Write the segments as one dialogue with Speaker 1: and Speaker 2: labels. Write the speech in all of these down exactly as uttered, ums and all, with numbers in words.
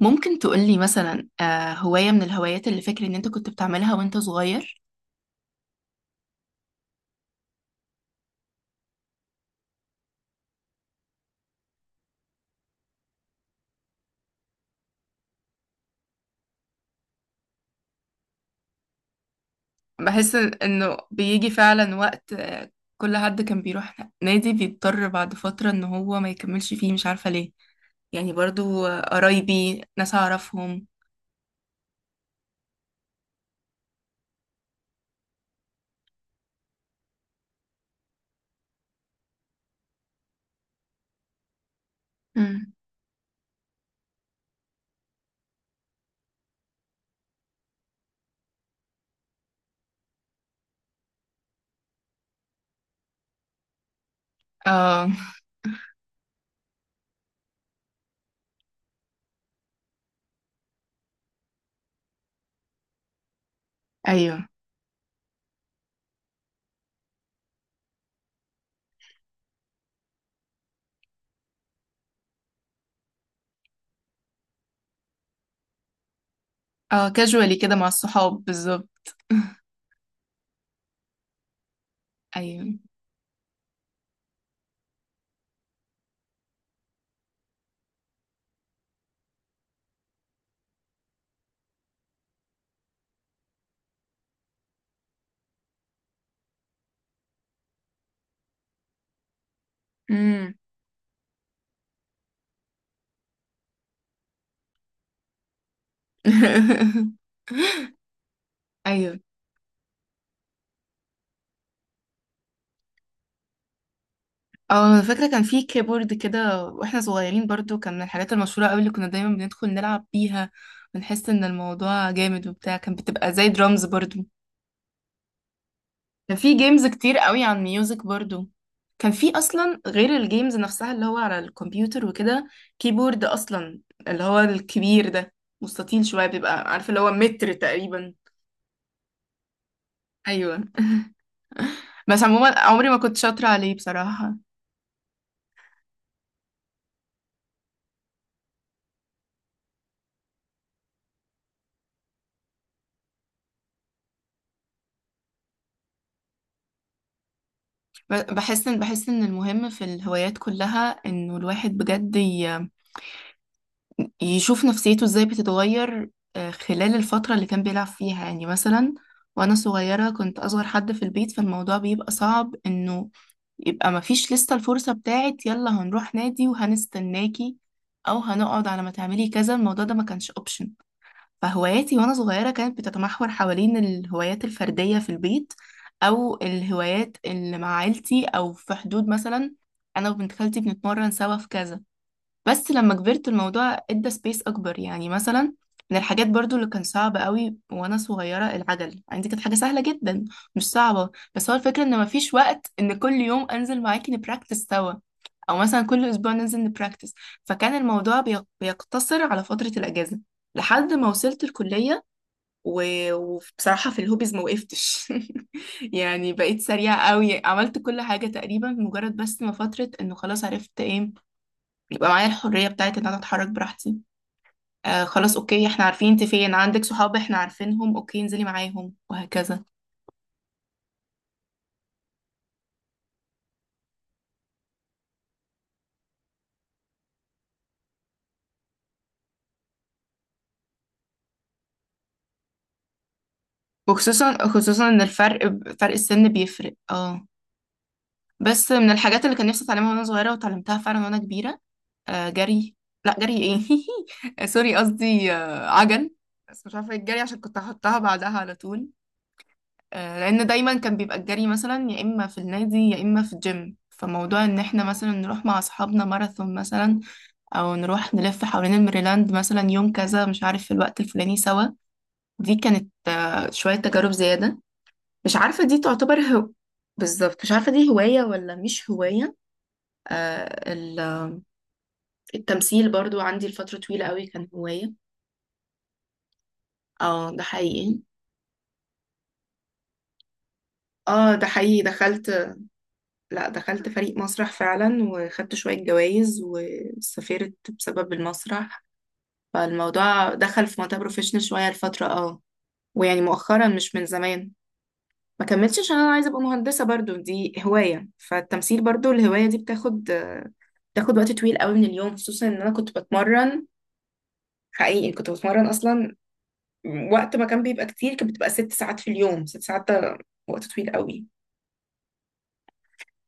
Speaker 1: ممكن تقولي مثلا آه، هواية من الهوايات اللي فاكر ان انت كنت بتعملها وانت صغير. بحس انه بيجي فعلا وقت آه، كل حد كان بيروح نادي بيضطر بعد فترة ان هو ما يكملش فيه مش عارفة ليه. يعني برضو آه، قرايبي ناس اعرفهم. مم. اه ايوه. اه كاجوالي كده مع الصحاب بالظبط. ايوه. مم. ايوه. اه انا فاكره كان في كيبورد كده واحنا صغيرين برضو كان من الحاجات المشهوره قوي اللي كنا دايما بندخل نلعب بيها. بنحس ان الموضوع جامد وبتاع كان بتبقى زي درامز برضو. كان في جيمز كتير قوي عن ميوزك برضو. كان في اصلا غير الجيمز نفسها اللي هو على الكمبيوتر وكده كيبورد اصلا، اللي هو الكبير ده، مستطيل شويه بيبقى عارف اللي هو متر تقريبا. ايوه. بس عموما عمري ما كنت شاطره عليه بصراحه. ب- بحس ان بحس ان المهم في الهوايات كلها انه الواحد بجد يشوف نفسيته ازاي بتتغير آه، خلال الفترة اللي كان بيلعب فيها. يعني مثلا وانا صغيرة كنت اصغر حد في البيت فالموضوع بيبقى صعب انه يبقى مفيش لسه الفرصة بتاعت يلا هنروح نادي وهنستناكي او هنقعد على ما تعملي كذا. الموضوع ده ما كانش اوبشن. فهواياتي وانا صغيرة كانت بتتمحور حوالين الهوايات الفردية في البيت، او الهوايات اللي مع عيلتي، او في حدود مثلا انا وبنت خالتي بنتمرن سوا في كذا. بس لما كبرت الموضوع ادى سبيس اكبر. يعني مثلا من الحاجات برضو اللي كان صعب قوي وانا صغيره، العجل عندي كانت حاجه سهله جدا مش صعبه، بس هو الفكره ان مفيش وقت ان كل يوم انزل معاكي نبراكتس سوا او مثلا كل اسبوع ننزل نبراكتس. فكان الموضوع بيق- بيقتصر على فتره الاجازه لحد ما وصلت الكليه. و- وبصراحه في الهوبيز ما وقفتش. يعني بقيت سريعه قوي، عملت كل حاجه تقريبا مجرد بس ما فتره انه خلاص عرفت ايه يبقى معايا الحرية بتاعت ان انا اتحرك براحتي. آه خلاص اوكي احنا عارفين انت فين، عندك صحاب احنا عارفينهم، اوكي انزلي معاهم وهكذا. وخصوصا خصوصا ان الفرق ب- فرق السن بيفرق. اه. بس من الحاجات اللي كان نفسي اتعلمها وانا صغيرة وتعلمتها فعلا وانا كبيرة آه جري. لا جري ايه. آه، سوري قصدي آه عجل. بس مش عارفة إيه الجري عشان كنت هحطها بعدها على طول. آه لان دايما كان بيبقى الجري مثلا يا اما في النادي يا اما في الجيم. فموضوع ان احنا مثلا نروح مع اصحابنا ماراثون مثلا، او نروح نلف حوالين الميريلاند مثلا يوم كذا مش عارف في الوقت الفلاني سوا، دي كانت آه، شوية تجارب زيادة. مش عارفة دي تعتبر هو، بالظبط مش عارفة دي هواية ولا مش هواية. آه ال- التمثيل برضو عندي لفترة طويلة قوي كان هواية. اه ده حقيقي. اه ده حقيقي دخلت. لا دخلت فريق مسرح فعلا، وخدت شوية جوائز وسافرت بسبب المسرح. فالموضوع دخل في منطقة بروفيشنال شوية لفترة. اه، ويعني مؤخرا مش من زمان. ما كملتش عشان انا عايزه ابقى مهندسه برضو، دي هوايه، فالتمثيل برضو الهوايه دي بتاخد آه، بتاخد وقت طويل قوي من اليوم، خصوصا ان انا كنت بتمرن. حقيقي كنت بتمرن اصلا وقت ما كان بيبقى كتير كانت بتبقى ست ساعات في اليوم. ست ساعات ده وقت طويل قوي.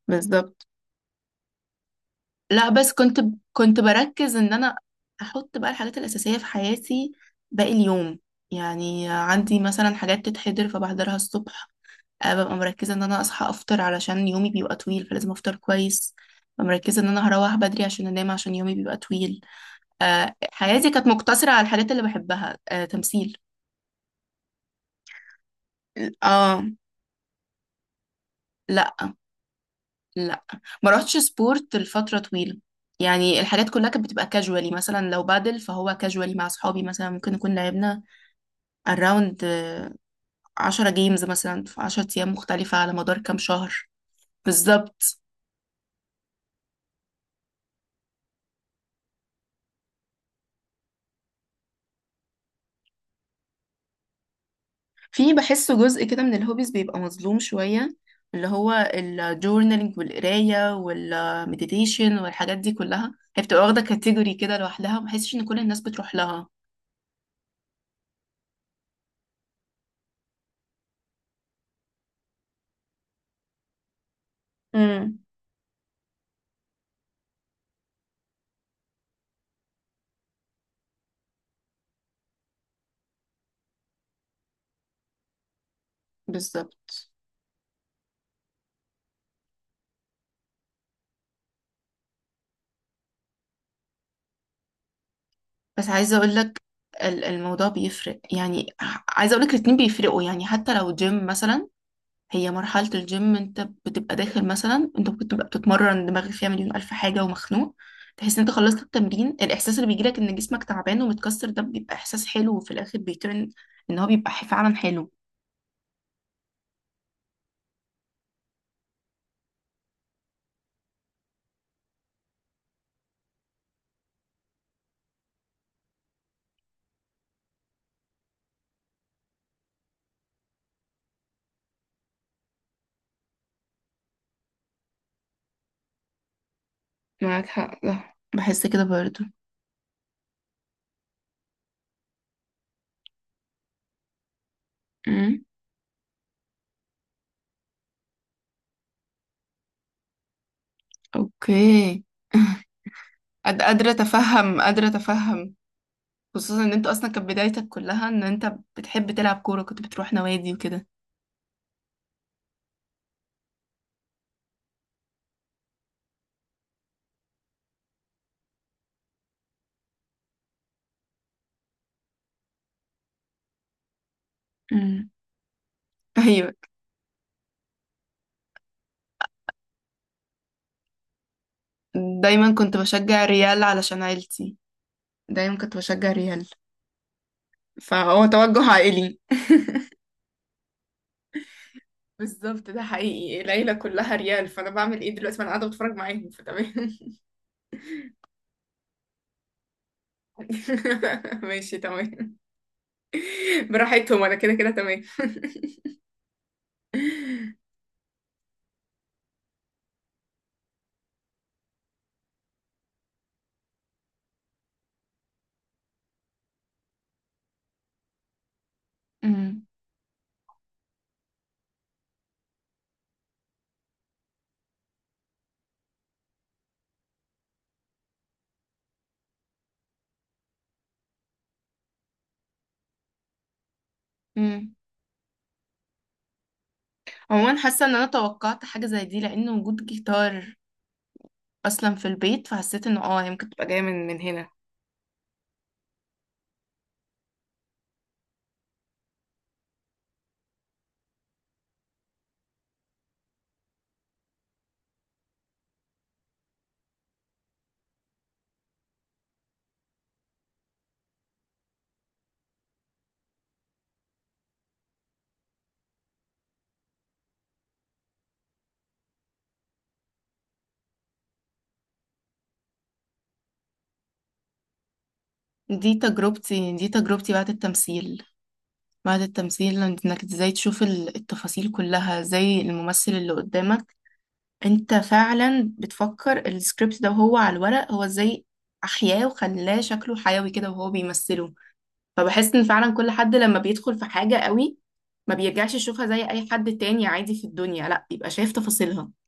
Speaker 1: بالظبط. لا بس كنت كنت بركز ان انا احط بقى الحاجات الاساسيه في حياتي. باقي اليوم يعني عندي مثلا حاجات تتحضر فبحضرها الصبح. آه، ببقى مركزة ان انا اصحى افطر علشان يومي بيبقى طويل فلازم افطر كويس. ببقى مركزة ان انا هروح بدري عشان انام عشان يومي بيبقى طويل. آه، حياتي كانت مقتصرة على الحاجات اللي بحبها، آه، تمثيل. اه. لا لا ما روحتش سبورت لفترة طويلة. يعني الحاجات كلها كانت بتبقى كاجوالي. مثلا لو بادل فهو كاجوالي مع اصحابي، مثلا ممكن نكون لعبنا اراوند عشرة جيمز مثلا في عشرة ايام مختلفة على مدار كام شهر. بالظبط. في بحسه جزء كده من الهوبيز بيبقى مظلوم شوية، اللي هو الجورنالينج والقراية والمديتيشن والحاجات دي كلها. هي بتبقى واخدة كاتيجوري كده لوحدها، مبحسش ان كل الناس بتروح لها. امم. بالظبط. بس عايزة اقولك ال- الموضوع بيفرق. يعني ع- عايزة اقولك الاتنين بيفرقوا، يعني حتى لو جيم مثلا. هي مرحلة الجيم انت بتبقى داخل مثلا، انت ممكن تبقى بتتمرن دماغك فيها مليون ألف حاجة ومخنوق، تحس ان انت خلصت التمرين الإحساس اللي بيجيلك ان جسمك تعبان ومتكسر ده بيبقى إحساس حلو، وفي الآخر بيترن ان هو بيبقى فعلا حلو. معاك حق، ده بحس كده برضو. امم. اوكي. قد- قادرة أتفهم، قادرة أتفهم. خصوصا إن أنت أصلا كانت بدايتك كلها إن أنت بتحب تلعب كورة، كنت بتروح نوادي وكده. أمم. أيوة. دايما كنت بشجع الريال علشان عيلتي. دايما كنت بشجع ريال، فهو توجه عائلي. بالظبط، ده حقيقي، العيلة كلها ريال، فأنا بعمل إيه دلوقتي ما أنا قاعدة بتفرج معاهم، فتمام. ماشي تمام. براحتهم أنا كده كده تمام. أمم، أمم. عموما حاسة إن أنا توقعت حاجة زي دي لأن وجود جيتار أصلا في البيت، فحسيت إنه آه هي ممكن تبقى جاية من من هنا. دي تجربتي دي تجربتي بعد التمثيل بعد التمثيل إنك إزاي تشوف ال- التفاصيل كلها زي الممثل اللي قدامك. انت فعلا بتفكر السكريبت ده وهو على الورق هو ازاي احياه وخلاه شكله حيوي كده وهو بيمثله. فبحس ان فعلا كل حد لما بيدخل في حاجة قوي ما بيرجعش يشوفها زي اي حد تاني عادي في الدنيا، لا بيبقى شايف تفاصيلها.